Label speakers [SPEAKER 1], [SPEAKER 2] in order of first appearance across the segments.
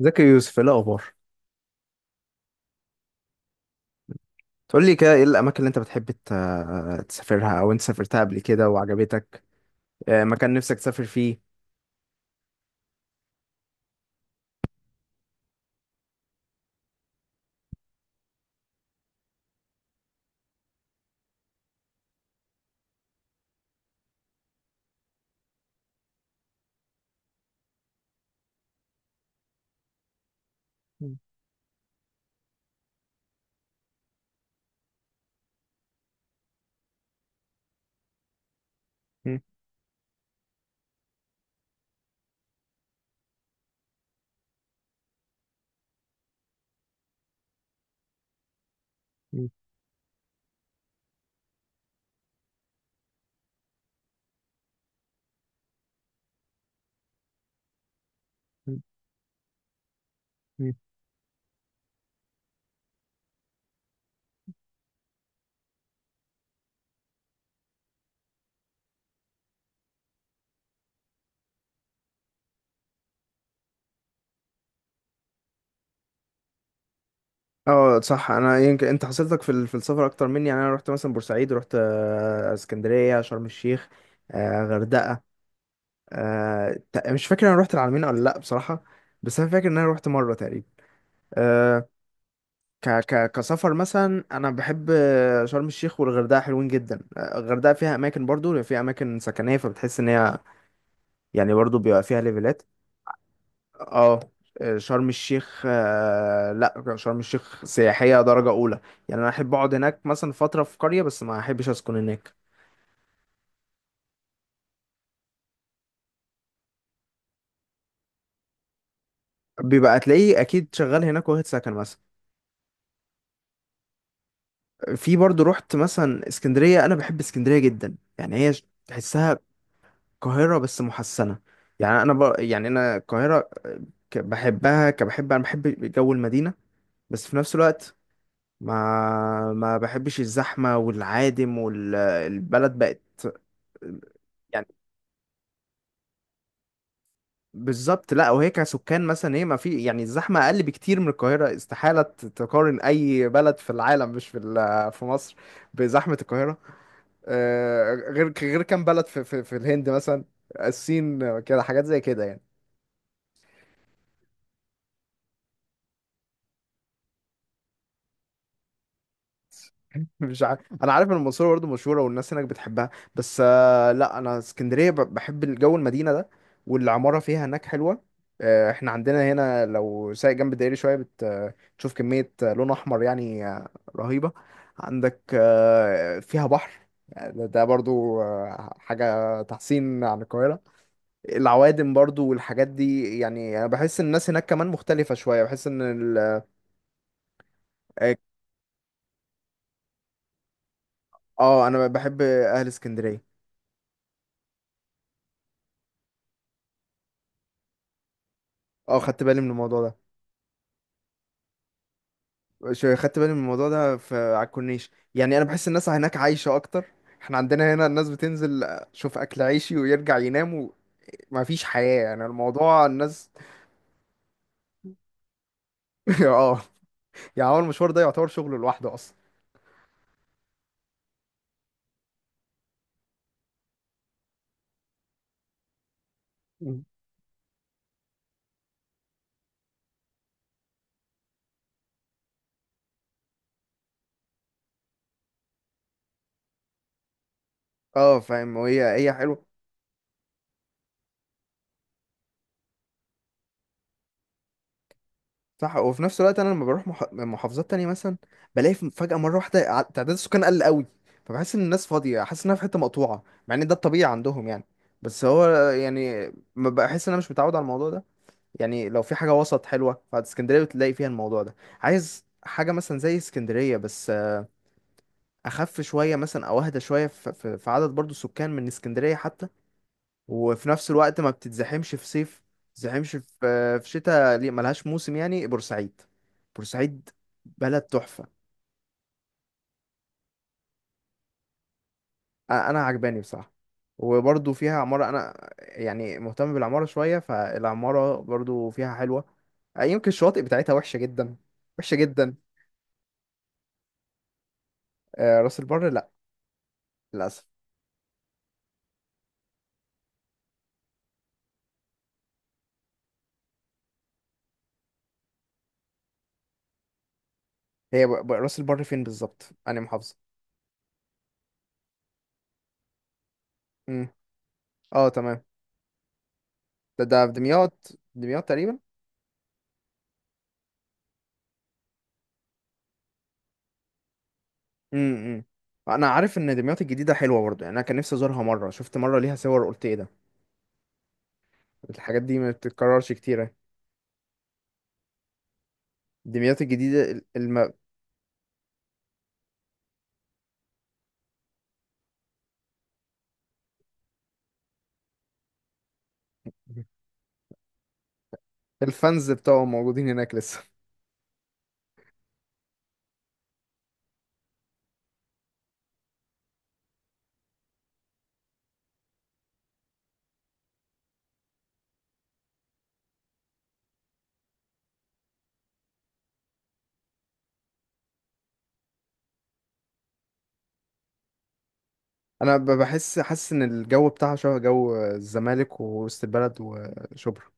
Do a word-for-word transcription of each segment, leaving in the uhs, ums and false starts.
[SPEAKER 1] زكي يوسف، إيه الاخبار؟ تقول لي كده، ايه الاماكن اللي انت بتحب ت- تسافرها او انت سافرتها قبل كده وعجبتك؟ آه، مكان نفسك تسافر فيه. مم، مم، مم، مم، مم. اه، صح. انا يمكن انت حصلتك في ال- في السفر اكتر مني. يعني انا رحت مثلا بورسعيد، رحت آه، اسكندريه، شرم الشيخ، آه، غردقه. آه، ت- مش فاكر انا رحت العلمين ولا لا بصراحه، بس انا فاكر ان انا رحت مره تقريبا. آه، ك ك كسفر مثلا انا بحب شرم الشيخ والغردقه، حلوين جدا. الغردقه فيها اماكن، برضو فيها اماكن سكنيه، فبتحس ان هي يعني برضو بيبقى فيها ليفلات. اه، شرم الشيخ، آه، لا، شرم الشيخ سياحيه درجه اولى. يعني انا احب اقعد هناك مثلا فتره في قريه، بس ما احبش اسكن هناك. بيبقى تلاقيه اكيد شغال هناك واخد سكن مثلا. في برضو رحت مثلا اسكندريه، انا بحب اسكندريه جدا. يعني هي ش- تحسها القاهرة بس محسنة. يعني أنا ب... يعني أنا القاهرة ك- بحبها، كبحب، أنا بحب جو المدينة، بس في نفس الوقت ما ما بحبش الزحمة والعادم والبلد بقت يعني. بالظبط. لا، وهي كسكان مثلا هي ما في يعني الزحمة أقل بكتير من القاهرة. استحالة ت- تقارن أي بلد في العالم مش في ال- في مصر بزحمة القاهرة. آه، غير غير كام بلد في في, في الهند مثلا، الصين، كده، حاجات زي كده يعني. مش عارف، انا عارف ان المنصوره برضه مشهوره والناس هناك بتحبها، بس آه، لا، انا اسكندريه ب- بحب الجو المدينه ده، والعماره فيها هناك حلوه. آه، احنا عندنا هنا لو سايق جنب الدائري شويه بت- آه، بتشوف كميه آه، لون احمر يعني آه، رهيبه. عندك آه، فيها بحر، يعني ده ده برضو آه، حاجة تحسين عن القاهرة. العوادم برضو والحاجات دي. يعني أنا بحس إن الناس هناك كمان مختلفة شوية، بحس إن ال... اه، أنا بحب أهل اسكندرية. اه، خدت بالي من الموضوع ده. شو- خدت بالي من الموضوع ده في على الكورنيش. يعني انا بحس الناس هناك عايشه اكتر. احنا عندنا هنا الناس بتنزل شوف اكل عيشي ويرجع ينام، وما فيش حياه يعني، الموضوع الناس. اه، يعني هو المشوار ده يعتبر شغل لوحده اصلا. مم. اه فاهم، وهي هي حلوه. صح، وفي نفس الوقت انا لما بروح مح... محافظات تانية مثلا، بلاقي ف- فجاه مره واحده ع- تعداد السكان قل قوي، فبحس ان الناس فاضيه، حاسس انها في حته مقطوعه مع ان ده الطبيعي عندهم يعني. بس هو يعني ما بحس، ان انا مش متعود على الموضوع ده. يعني لو في حاجة وسط حلوة، فاسكندرية بتلاقي فيها الموضوع ده. عايز حاجة مثلا زي اسكندرية بس آه، أخف شوية مثلا، أو أهدى شوية، ف- ف- في عدد برضو سكان من اسكندرية حتى، وفي نفس الوقت ما بتتزحمش في صيف، بتتزحمش في آه، في شتاء ليه، ملهاش موسم، يعني بورسعيد. بورسعيد بلد تحفة. أ- أنا عجباني بصراحة، وبرضو فيها عمارة. أنا يعني مهتم بالعمارة شوية، فالعمارة برضو فيها حلوة. آه، يمكن الشواطئ بتاعتها وحشة جدا، وحشة جدا. آه، راس البر للأسف. هي ب... ب... راس البر فين بالظبط؟ أنا محافظة. امم اه تمام. ده ده في دمياط، دمياط تقريبا. امم أنا عارف إن دمياط الجديدة حلوة برضه. يعني أنا كان نفسي أزورها مرة، شفت مرة ليها صور، قلت إيه ده؟ الحاجات دي ما بتتكررش كتير يعني. دمياط الجديدة ال- الم... الفانز بتوعهم موجودين هناك لسه. أنا ب- بحس، حاسس إن الجو بتاعها شبه جو الزمالك ووسط البلد وشبرا.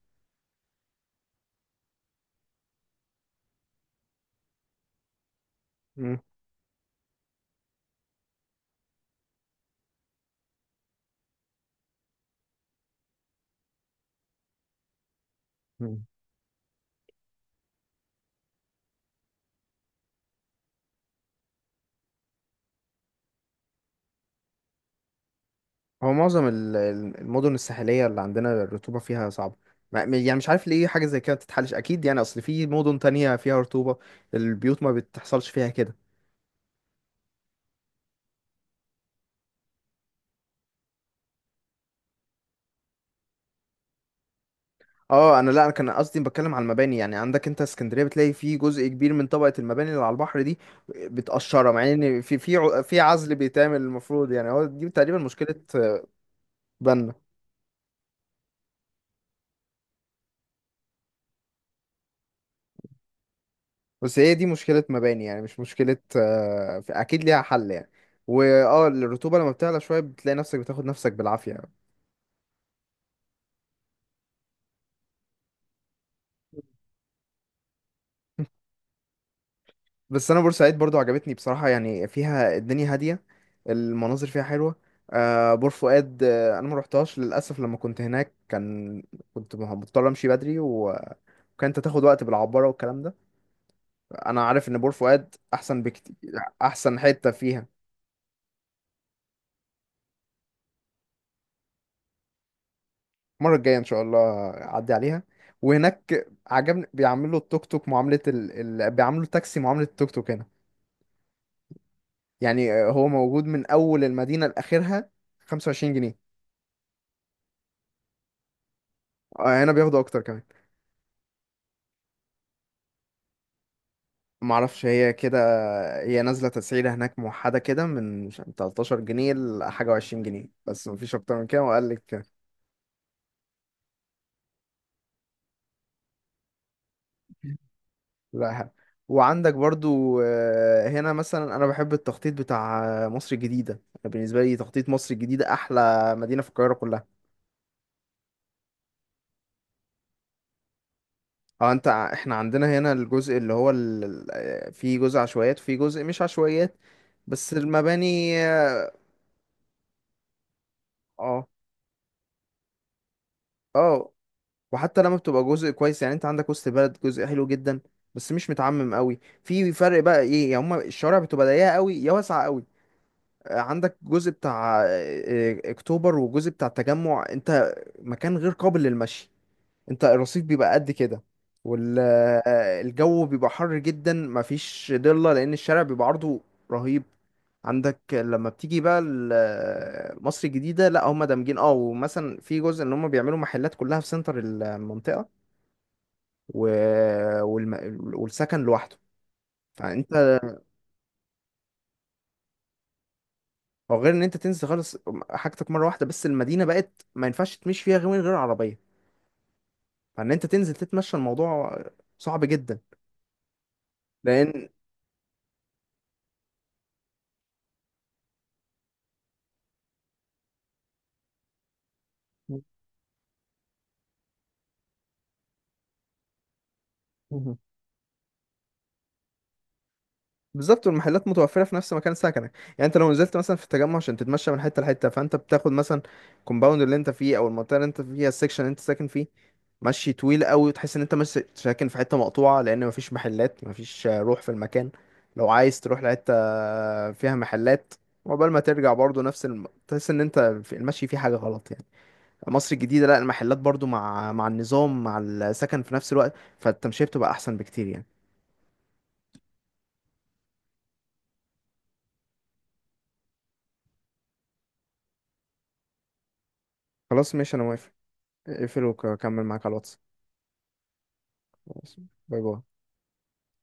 [SPEAKER 1] امم هو معظم ال- ال- المدن الساحلية اللي عندنا الرطوبة فيها صعبة. ما- م- يعني مش عارف ليه حاجة زي كده بتتحلش أكيد يعني، أصل في مدن تانية فيها رطوبة، البيوت ما بتحصلش فيها كده. اه، أنا لا، أنا كان قصدي بتكلم على المباني. يعني عندك أنت اسكندرية بتلاقي في جزء كبير من طبقة المباني اللي على البحر دي بتقشرها، مع إن في في ع- في عزل بيتعمل المفروض. يعني هو دي تقريبا مشكلة آه، بنا. بس هي دي مشكلة مباني يعني، مش مشكلة آه، أكيد ليها حل يعني. واه، الرطوبة لما بتعلى شوية بتلاقي نفسك بتاخد نفسك بالعافية يعني. بس انا بورسعيد برضو عجبتني بصراحة. يعني فيها الدنيا هادية، المناظر فيها حلوة. آه، بور فؤاد، آه انا ما روحتهاش للاسف. لما كنت هناك كان كنت مه- مضطر امشي بدري، وكانت تاخد وقت بالعبارة والكلام ده. انا عارف ان بور فؤاد احسن بكتير، احسن حتة فيها. المرة الجاية ان شاء الله اعدي عليها. وهناك عجبني بيعملوا التوك توك معاملة ال... ال... بيعملوا التاكسي معاملة التوك توك هنا. يعني آه، هو موجود من اول المدينة لاخرها، خمسة وعشرين جنيه. آه، هنا بياخدوا اكتر كمان. معرفش، هي كده، هي نازلة تسعيرة هناك موحدة كده من مش- تلتاشر جنيه لحاجة، وعشرين جنيه، بس مفيش أكتر من كده، وقال لك لا حق. وعندك برضو، آه، هنا مثلا أنا بحب التخطيط بتاع آه، مصر الجديدة. بالنسبة لي تخطيط مصر الجديدة أحلى مدينة في القاهرة كلها. اه، انت ع- احنا عندنا هنا الجزء اللي هو ال... ال- آه، في جزء عشوائيات وفي جزء مش عشوائيات، بس المباني اه. اه، وحتى لما بتبقى جزء كويس، يعني انت عندك وسط بلد جزء حلو جدا، بس مش متعمم قوي. في فرق بقى ايه يا هما: الشوارع بتبقى ضيقه قوي يا واسعه قوي. آه، عندك جزء بتاع آه، آه، اكتوبر وجزء بتاع التجمع، انت مكان غير قابل للمشي. انت الرصيف بيبقى قد كده، والجو بيبقى حر جدا، مفيش ضله لان الشارع بيبقى عرضه رهيب. عندك لما بتيجي بقى ال- آه، مصر الجديدة، لا، هم دامجين اه، ومثلا في جزء ان هم بيعملوا محلات كلها في سنتر المنطقة و... والم... والسكن لوحده. فانت، او غير ان انت تنزل خالص حاجتك مره واحده، بس المدينه بقت ما ينفعش تمشي فيها غير من غير عربيه. فان انت تنزل تتمشى، الموضوع صعب جدا لان بالظبط. والمحلات متوفرة في نفس مكان سكنك. يعني انت لو نزلت مثلا في التجمع عشان تتمشى من حتة لحتة، فانت بتاخد مثلا الكومباوند اللي انت فيه او المنطقة اللي انت فيها، السكشن اللي انت ساكن فيه مشي طويل قوي، وتحس ان انت مش ساكن في حتة مقطوعة، لان مفيش محلات، مفيش روح في المكان. لو عايز تروح لحتة فيها محلات، وقبل ما ترجع برضو نفس الم... تحس ان انت في المشي فيه حاجة غلط يعني. مصر الجديدة لا، المحلات برضو مع مع النظام مع السكن في نفس الوقت، فالتمشية بتبقى احسن بكتير يعني. خلاص ماشي، انا موافق. اقفل وكمل معاك على الواتس. خلاص. باي باي.